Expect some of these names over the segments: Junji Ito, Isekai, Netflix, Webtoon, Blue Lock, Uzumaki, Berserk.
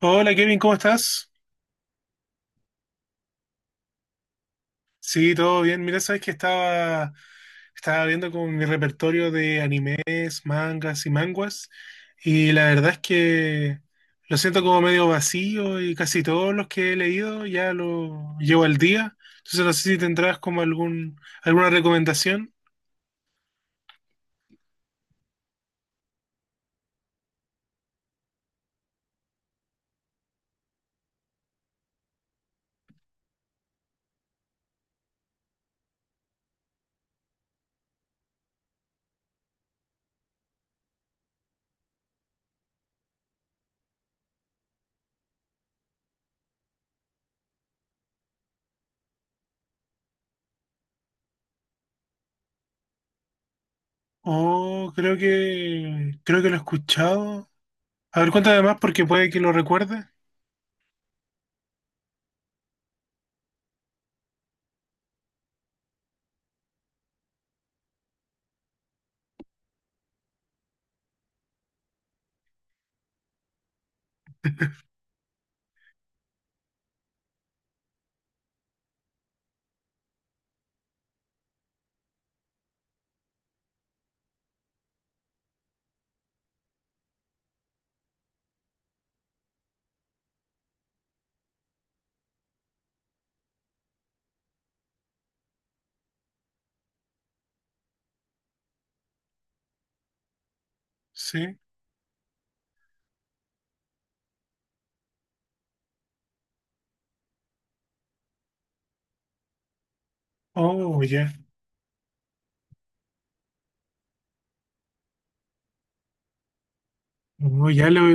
Hola Kevin, ¿cómo estás? Sí, todo bien. Mira, sabes que estaba viendo con mi repertorio de animes, mangas y manguas, y la verdad es que lo siento como medio vacío y casi todos los que he leído ya lo llevo al día. Entonces no sé si tendrás como algún, alguna recomendación. Oh, creo que lo he escuchado. A ver, cuéntame más porque puede que lo recuerde. Sí. Oh, ya. Oh, ya lo.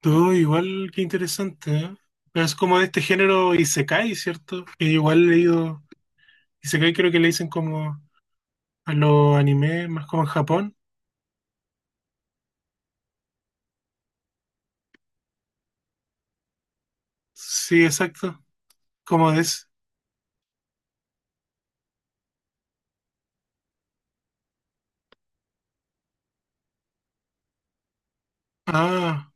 Todo igual, qué interesante, ¿eh? Pero es como de este género Isekai, ¿cierto? Que igual he leído. Isekai creo que le dicen como a los animes, más como en Japón. Sí, exacto. Como de ese. Ah,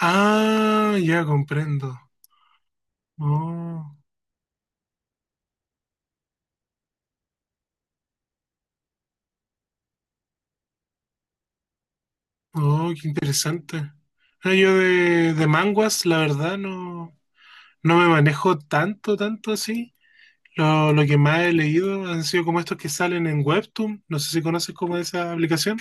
ah, ya comprendo. Oh, oh, qué interesante. Ah, yo de manguas, la verdad, no, no me manejo tanto, tanto así. Lo que más he leído han sido como estos que salen en Webtoon. No sé si conoces como esa aplicación.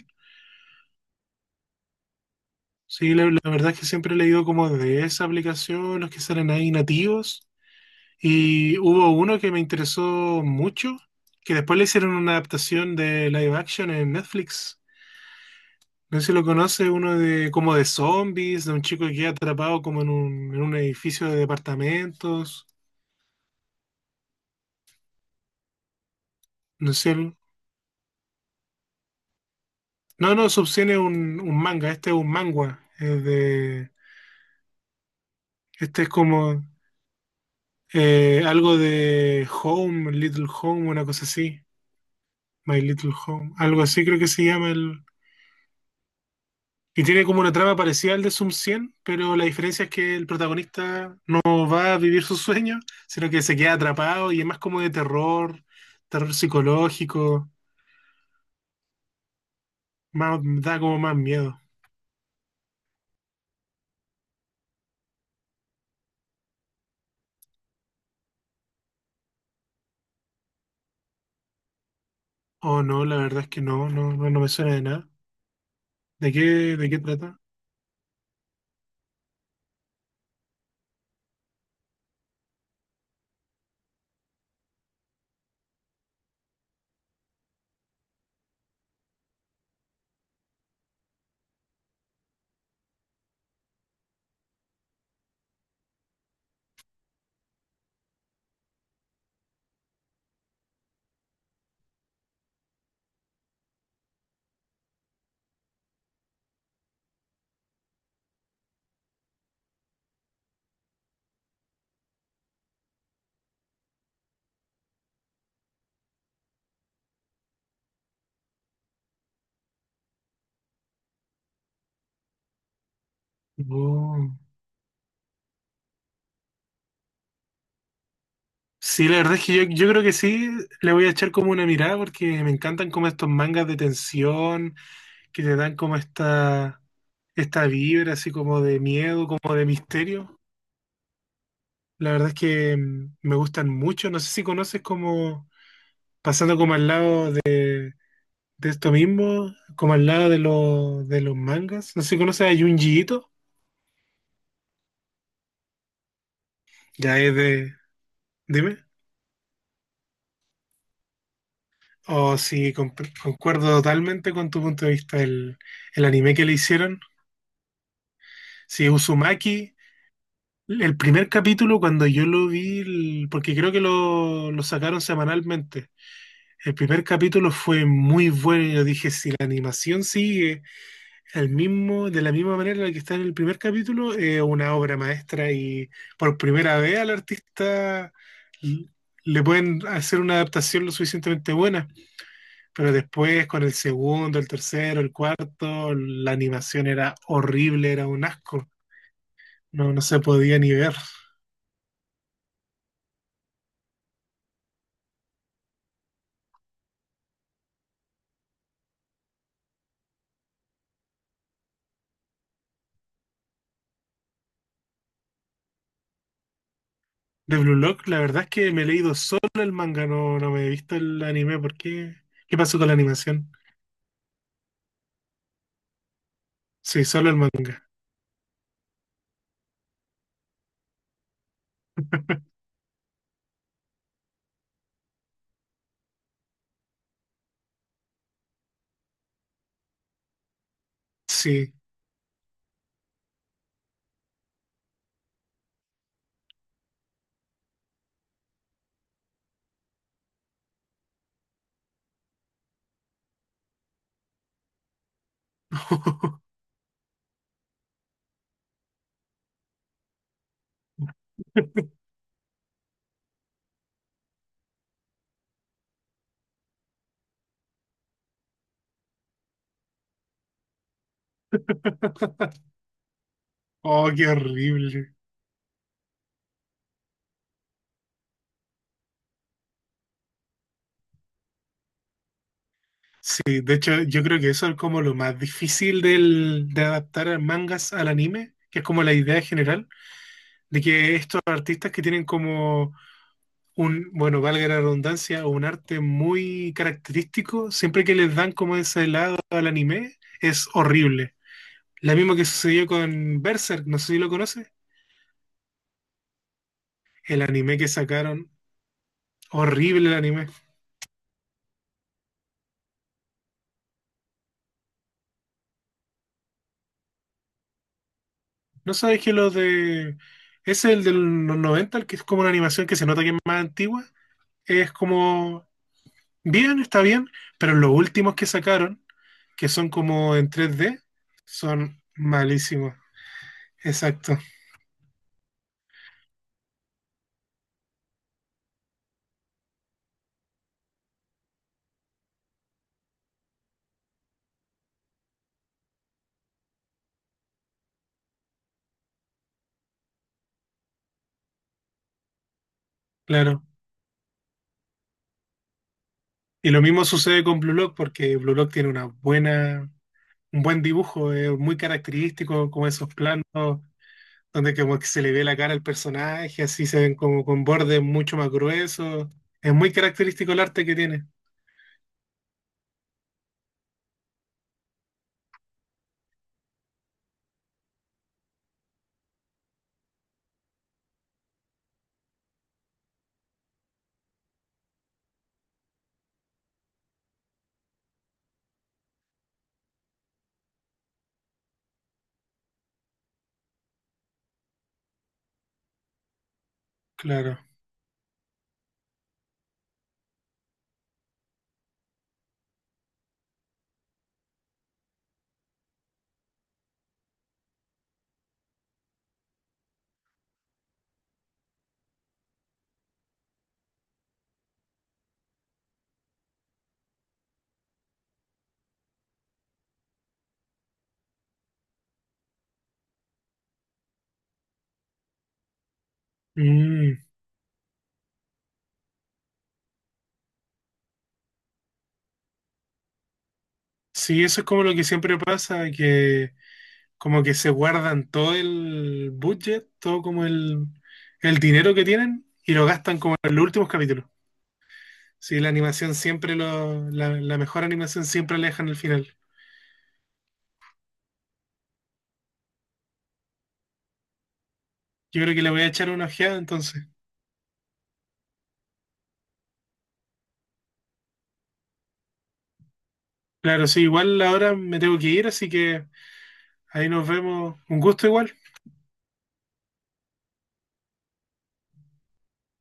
Sí, la verdad es que siempre he leído como de esa aplicación, los que salen ahí nativos. Y hubo uno que me interesó mucho, que después le hicieron una adaptación de live action en Netflix. No sé si lo conoce, uno de como de zombies, de un chico que queda atrapado como en un edificio de departamentos. No sé. No, no, Subsidian es un manga, este es un manga. Es de, este es como algo de Home, Little Home, una cosa así. My Little Home, algo así creo que se llama el... Y tiene como una trama parecida al de Sum 100, pero la diferencia es que el protagonista no va a vivir sus sueños, sino que se queda atrapado y es más como de terror, terror psicológico, más, da como más miedo. Oh, no, la verdad es que no, no, no, no me suena de nada. ¿De qué, de qué trata? Oh. Sí, la verdad es que yo creo que sí, le voy a echar como una mirada porque me encantan como estos mangas de tensión que te dan como esta vibra así como de miedo, como de misterio. La verdad es que me gustan mucho. No sé si conoces como, pasando como al lado de esto mismo, como al lado de los mangas. No sé si conoces a Junji Ito. Ya es de... Dime. O si concuerdo totalmente con tu punto de vista, el anime que le hicieron. Si Uzumaki, el primer capítulo cuando yo lo vi, porque creo que lo sacaron semanalmente. El primer capítulo fue muy bueno y yo dije, si la animación sigue al mismo, de la misma manera en la que está en el primer capítulo, es una obra maestra y por primera vez al artista l- le pueden hacer una adaptación lo suficientemente buena, pero después con el segundo, el tercero, el cuarto, la animación era horrible, era un asco, no, no se podía ni ver. De Blue Lock, la verdad es que me he leído solo el manga, no, no me he visto el anime, ¿por qué? ¿Qué pasó con la animación? Sí, solo el manga. Sí. Oh, qué horrible. Sí, de hecho, yo creo que eso es como lo más difícil del, de adaptar a mangas al anime, que es como la idea general, de que estos artistas que tienen como un, bueno, valga la redundancia, un arte muy característico, siempre que les dan como ese lado al anime, es horrible. La misma que sucedió con Berserk, no sé si lo conoces, el anime que sacaron, horrible el anime. No sabes que los de. Ese es el de los 90, el que es como una animación que se nota que es más antigua. Es como. Bien, está bien, pero los últimos que sacaron, que son como en tres d son malísimos. Exacto, claro. Y lo mismo sucede con Blue Lock, porque Blue Lock tiene una buena, un buen dibujo, es muy característico, como esos planos donde como que se le ve la cara al personaje, así se ven como con bordes mucho más gruesos. Es muy característico el arte que tiene. Claro. Mm, sí, eso es como lo que siempre pasa, que como que se guardan todo el budget, todo como el dinero que tienen y lo gastan como en los últimos capítulos. Sí, la animación siempre lo, la mejor animación siempre la dejan al final. Yo creo que le voy a echar una ojeada entonces. Claro, sí, igual ahora me tengo que ir, así que ahí nos vemos. Un gusto igual.